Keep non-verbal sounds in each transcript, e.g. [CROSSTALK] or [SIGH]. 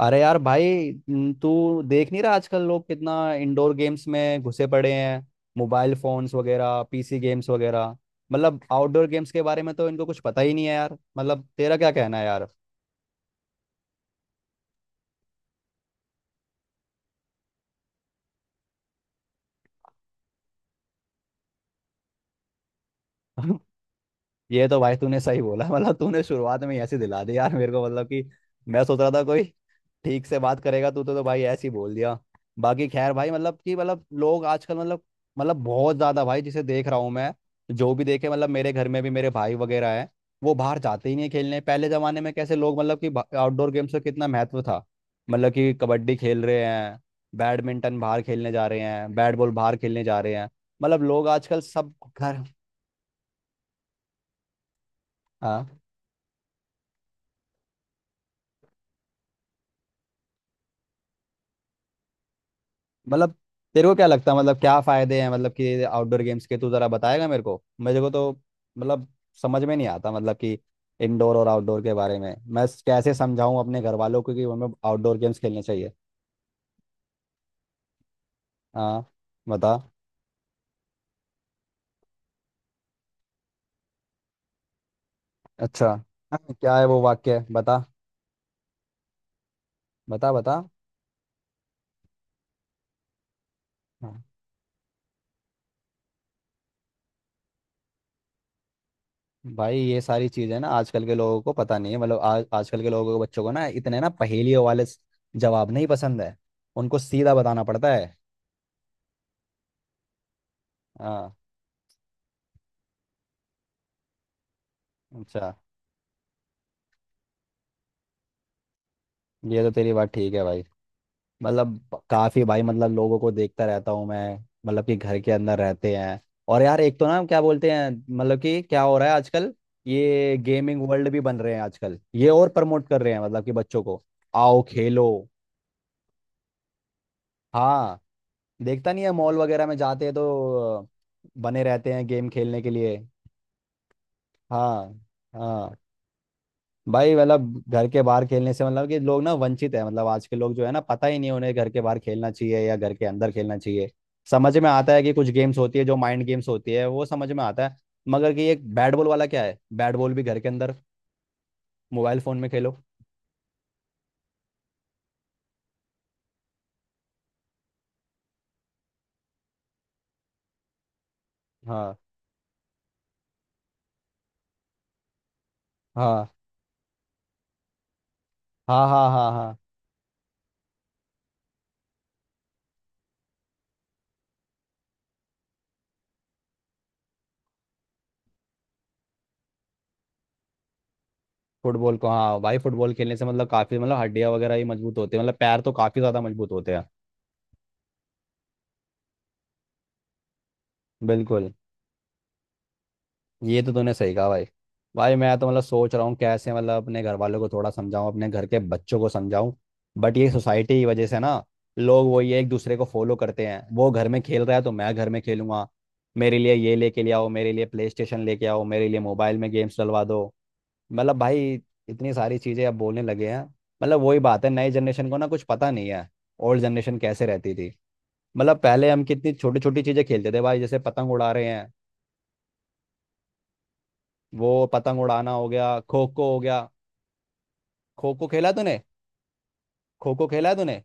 अरे यार भाई तू देख नहीं रहा आजकल लोग कितना इंडोर गेम्स में घुसे पड़े हैं। मोबाइल फोन्स वगैरह, पीसी गेम्स वगैरह। मतलब आउटडोर गेम्स के बारे में तो इनको कुछ पता ही नहीं है यार। मतलब तेरा क्या कहना है यार? [LAUGHS] ये तो भाई तूने सही बोला। [LAUGHS] मतलब तूने शुरुआत में ही ऐसे दिला दी यार मेरे को, मतलब कि मैं सोच रहा था कोई ठीक से बात करेगा तू, तो भाई ऐसे ही बोल दिया। बाकी खैर भाई, मतलब कि लोग आजकल बहुत ज्यादा भाई, जिसे देख रहा हूँ मैं, जो भी देखे। मतलब मेरे घर में भी मेरे भाई वगैरह हैं, वो बाहर जाते ही नहीं खेलने। पहले जमाने में कैसे लोग, मतलब कि आउटडोर गेम्स का कितना महत्व था। मतलब कि कबड्डी खेल रहे हैं, बैडमिंटन बाहर खेलने जा रहे हैं, बैट बॉल बाहर खेलने जा रहे हैं। मतलब लोग आजकल सब घर। हाँ। मतलब तेरे को क्या लगता है, मतलब क्या फायदे हैं मतलब कि आउटडोर गेम्स के? तू जरा बताएगा मेरे को, मेरे को तो मतलब समझ में नहीं आता मतलब कि इंडोर और आउटडोर के बारे में मैं कैसे समझाऊं अपने घर वालों को कि हमें आउटडोर गेम्स खेलने चाहिए। हाँ, बता। अच्छा, हाँ, क्या है वो वाक्य? बता बता बता। हाँ। भाई ये सारी चीजें ना आजकल के लोगों को पता नहीं है। मतलब आज आजकल के लोगों को, बच्चों को ना इतने ना पहेलियों वाले जवाब नहीं पसंद है। उनको सीधा बताना पड़ता है। हाँ, अच्छा। ये तो तेरी बात ठीक है भाई। मतलब काफी, भाई मतलब लोगों को देखता रहता हूँ मैं, मतलब कि घर के अंदर रहते हैं। और यार एक तो ना क्या बोलते हैं मतलब कि क्या हो रहा है आजकल। ये गेमिंग वर्ल्ड भी बन रहे हैं आजकल, ये और प्रमोट कर रहे हैं मतलब कि बच्चों को, आओ खेलो। हाँ। देखता नहीं है, मॉल वगैरह में जाते हैं तो बने रहते हैं गेम खेलने के लिए। हाँ, हाँ। भाई मतलब घर के बाहर खेलने से मतलब कि लोग ना वंचित है। मतलब आज के लोग जो है ना, पता ही नहीं उन्हें घर के बाहर खेलना चाहिए या घर के अंदर खेलना चाहिए। समझ में आता है कि कुछ गेम्स होती है जो माइंड गेम्स होती है, वो समझ में आता है। मगर कि एक बैट बॉल वाला क्या है, बैट बॉल भी घर के अंदर मोबाइल फोन में खेलो। हाँ हाँ हाँ हाँ। हाँ हाँ। फुटबॉल को, हाँ भाई। फुटबॉल खेलने से मतलब काफी मतलब हड्डियां वगैरह भी मजबूत होती है, मतलब पैर तो काफी ज्यादा मजबूत होते हैं। बिल्कुल। ये तो तूने सही कहा भाई। भाई मैं तो मतलब सोच रहा हूँ कैसे मतलब अपने घर वालों को थोड़ा समझाऊं, अपने घर के बच्चों को समझाऊं। बट ये सोसाइटी की वजह से ना, लोग वो ये एक दूसरे को फॉलो करते हैं। वो घर में खेल रहा है तो मैं घर में खेलूंगा। मेरे लिए ये लेके ले आओ, मेरे लिए प्ले स्टेशन लेके आओ, मेरे लिए मोबाइल में गेम्स डलवा दो। मतलब भाई इतनी सारी चीज़ें अब बोलने लगे हैं। मतलब वही बात है, नई जनरेशन को ना कुछ पता नहीं है। ओल्ड जनरेशन कैसे रहती थी। मतलब पहले हम कितनी छोटी छोटी चीज़ें खेलते थे भाई, जैसे पतंग उड़ा रहे हैं, वो पतंग उड़ाना हो गया, खो खो हो गया। खो खो खेला तूने खो खो खेला तूने?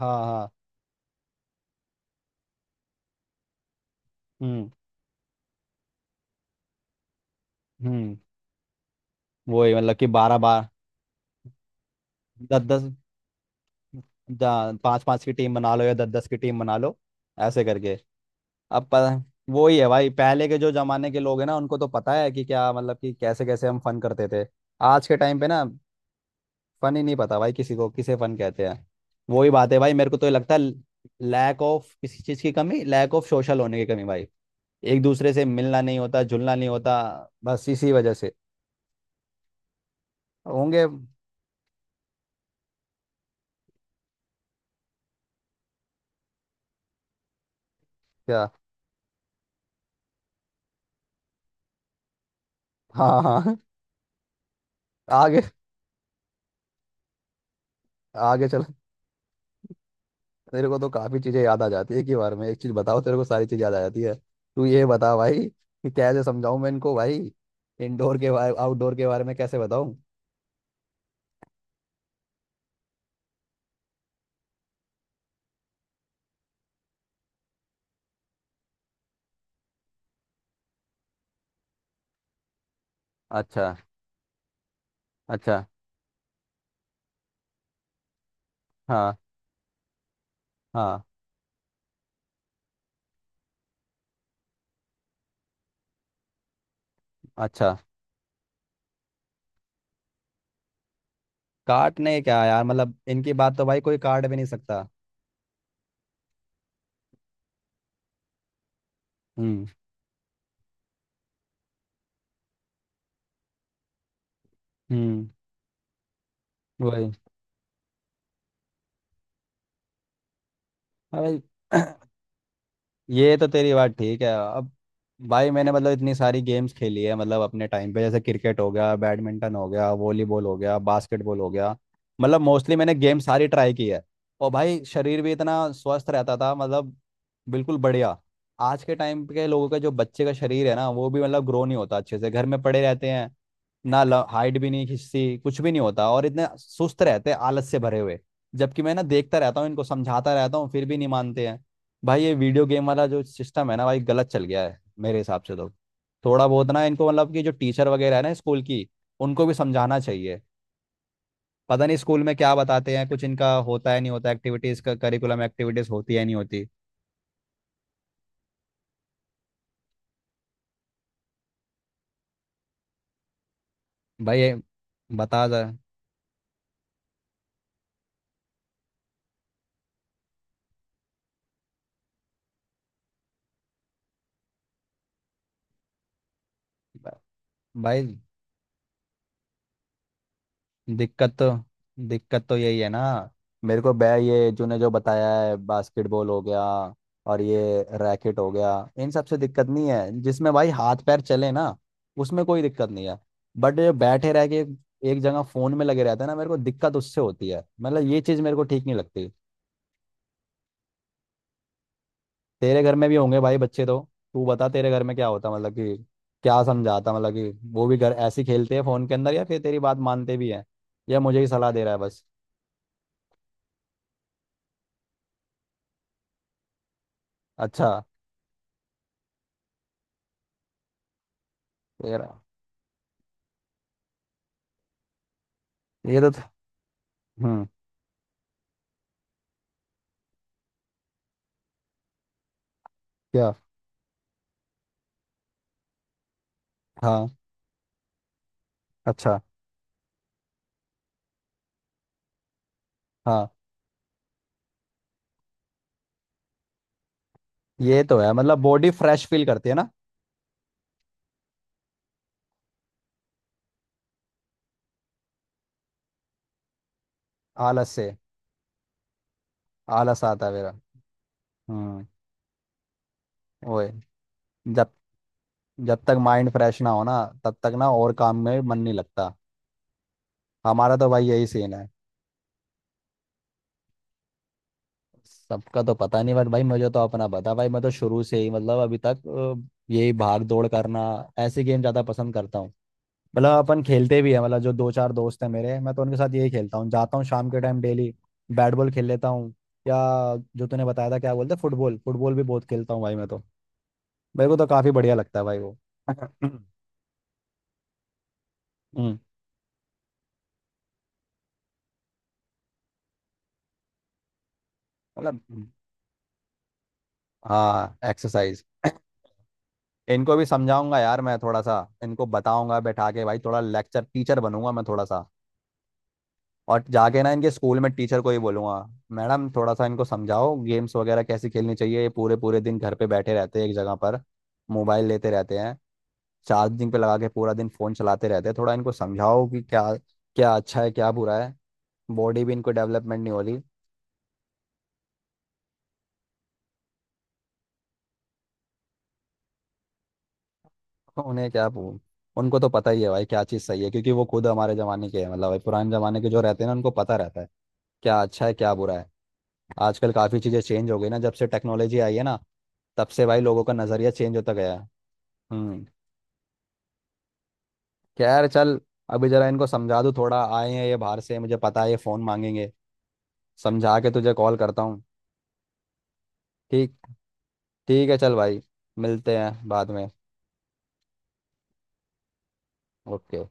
हाँ हाँ। हम्म हम्म वही मतलब कि बारह बार। दस दस पांच पांच की टीम बना लो या दस दस की टीम बना लो, ऐसे करके। अब प- वो ही है भाई, पहले के जो जमाने के लोग हैं ना, उनको तो पता है कि क्या मतलब कि कैसे कैसे हम फन करते थे। आज के टाइम पे ना फन ही नहीं पता भाई किसी को किसे फन कहते हैं। वही बात है भाई, मेरे को तो ये लगता है लैक ऑफ, किसी चीज़ की कमी, लैक ऑफ सोशल होने की कमी भाई। एक दूसरे से मिलना नहीं होता, जुलना नहीं होता। बस इसी वजह से होंगे। क्या? हाँ हाँ हाँ। आगे, आगे चलो। तेरे को तो काफी चीजें याद आ जाती है एक ही बार में, एक चीज बताओ तेरे को सारी चीज याद आ जाती है। तू ये बता भाई कि कैसे समझाऊं मैं इनको भाई, इंडोर के बारे आउटडोर के बारे में कैसे बताऊं? अच्छा, अच्छा। हाँ, हाँ। अच्छा। काटने क्या यार, मतलब इनकी बात तो भाई कोई काट भी नहीं सकता। हम्म हम्म वही। अरे [CLEARS THROAT] ये तो तेरी बात ठीक है। अब भाई मैंने मतलब इतनी सारी गेम्स खेली है, मतलब अपने टाइम पे जैसे क्रिकेट हो गया, बैडमिंटन हो गया, वॉलीबॉल हो गया, बास्केटबॉल हो गया। मतलब मोस्टली मैंने गेम सारी ट्राई की है। और भाई शरीर भी इतना स्वस्थ रहता था, मतलब बिल्कुल बढ़िया। आज के टाइम के लोगों का जो बच्चे का शरीर है ना, वो भी मतलब ग्रो नहीं होता अच्छे से, घर में पड़े रहते हैं ना। हाइट भी नहीं खिंचती, कुछ भी नहीं होता, और इतने सुस्त रहते हैं आलस से भरे हुए। जबकि मैं ना देखता रहता हूँ, इनको समझाता रहता हूँ, फिर भी नहीं मानते हैं। भाई ये वीडियो गेम वाला जो सिस्टम है ना भाई, गलत चल गया है मेरे हिसाब से तो। थोड़ा बहुत ना इनको मतलब कि जो टीचर वगैरह है ना स्कूल की, उनको भी समझाना चाहिए। पता नहीं स्कूल में क्या बताते हैं, कुछ इनका होता है नहीं होता, एक्टिविटीज का करिकुलम, एक्टिविटीज होती है नहीं होती। भाई ये बता जा भाई। दिक्कत तो दिक्कत तो यही है ना। मेरे को बै ये तूने जो बताया है, बास्केटबॉल हो गया और ये रैकेट हो गया, इन सब से दिक्कत नहीं है। जिसमें भाई हाथ पैर चले ना, उसमें कोई दिक्कत नहीं है। बट ये बैठे रह के एक जगह फोन में लगे रहते हैं ना, मेरे को दिक्कत उससे होती है। मतलब ये चीज मेरे को ठीक नहीं लगती। तेरे घर में भी होंगे भाई बच्चे तो। तू बता तेरे घर में क्या होता मतलब कि क्या समझाता, मतलब कि वो भी घर ऐसे ही खेलते हैं फोन के अंदर, या फिर तेरी बात मानते भी हैं? या मुझे ही सलाह दे रहा है बस? अच्छा। तेरा ये तो हम्म। क्या? हाँ। अच्छा। हाँ, ये तो है मतलब बॉडी फ्रेश फील करती है ना। आलस से। आलस आता है मेरा। हम्म। ओए, जब जब तक माइंड फ्रेश ना हो ना तब तक ना और काम में मन नहीं लगता। हमारा तो भाई यही सीन है। सबका तो पता नहीं, बट भाई मुझे तो अपना पता। भाई मैं तो शुरू से ही मतलब अभी तक यही भाग दौड़ करना, ऐसे गेम ज्यादा पसंद करता हूँ। मतलब अपन खेलते भी है, मतलब जो दो चार दोस्त हैं मेरे, मैं तो उनके साथ यही खेलता हूँ, जाता हूँ शाम के टाइम डेली। बैट बॉल खेल लेता हूँ, या जो तूने बताया था क्या बोलते, फुटबॉल, फुटबॉल भी बहुत खेलता हूँ भाई मैं तो। मेरे को तो काफी बढ़िया लगता है भाई वो। [CLEARS THROAT] हम्म, मतलब हाँ एक्सरसाइज। [CLEARS THROAT] इनको भी समझाऊंगा यार मैं थोड़ा सा। इनको बताऊंगा बैठा के भाई, थोड़ा लेक्चर टीचर बनूंगा मैं थोड़ा सा। और जाके ना इनके स्कूल में टीचर को ही बोलूंगा, मैडम थोड़ा सा इनको समझाओ गेम्स वगैरह कैसे खेलनी चाहिए, ये पूरे पूरे दिन घर पे बैठे रहते हैं एक जगह पर, मोबाइल लेते रहते हैं, चार्जिंग पे लगा के पूरा दिन फोन चलाते रहते हैं। थोड़ा इनको समझाओ कि क्या, क्या अच्छा है क्या बुरा है, बॉडी भी इनको डेवलपमेंट नहीं हो रही। तो उन्हें क्या उनको तो पता ही है भाई क्या चीज़ सही है, क्योंकि वो खुद हमारे ज़माने के हैं। मतलब भाई पुराने ज़माने के जो रहते हैं ना, उनको पता रहता है क्या अच्छा है क्या बुरा है। आजकल काफ़ी चीज़ें चेंज हो गई ना, जब से टेक्नोलॉजी आई है ना, तब से भाई लोगों का नज़रिया चेंज होता गया है। हम्म। खैर चल, अभी जरा इनको समझा दूँ, थोड़ा आए हैं ये बाहर से, मुझे पता है ये फ़ोन मांगेंगे। समझा के तुझे कॉल करता हूँ। ठीक, ठीक है, चल भाई, मिलते हैं बाद में। ओके।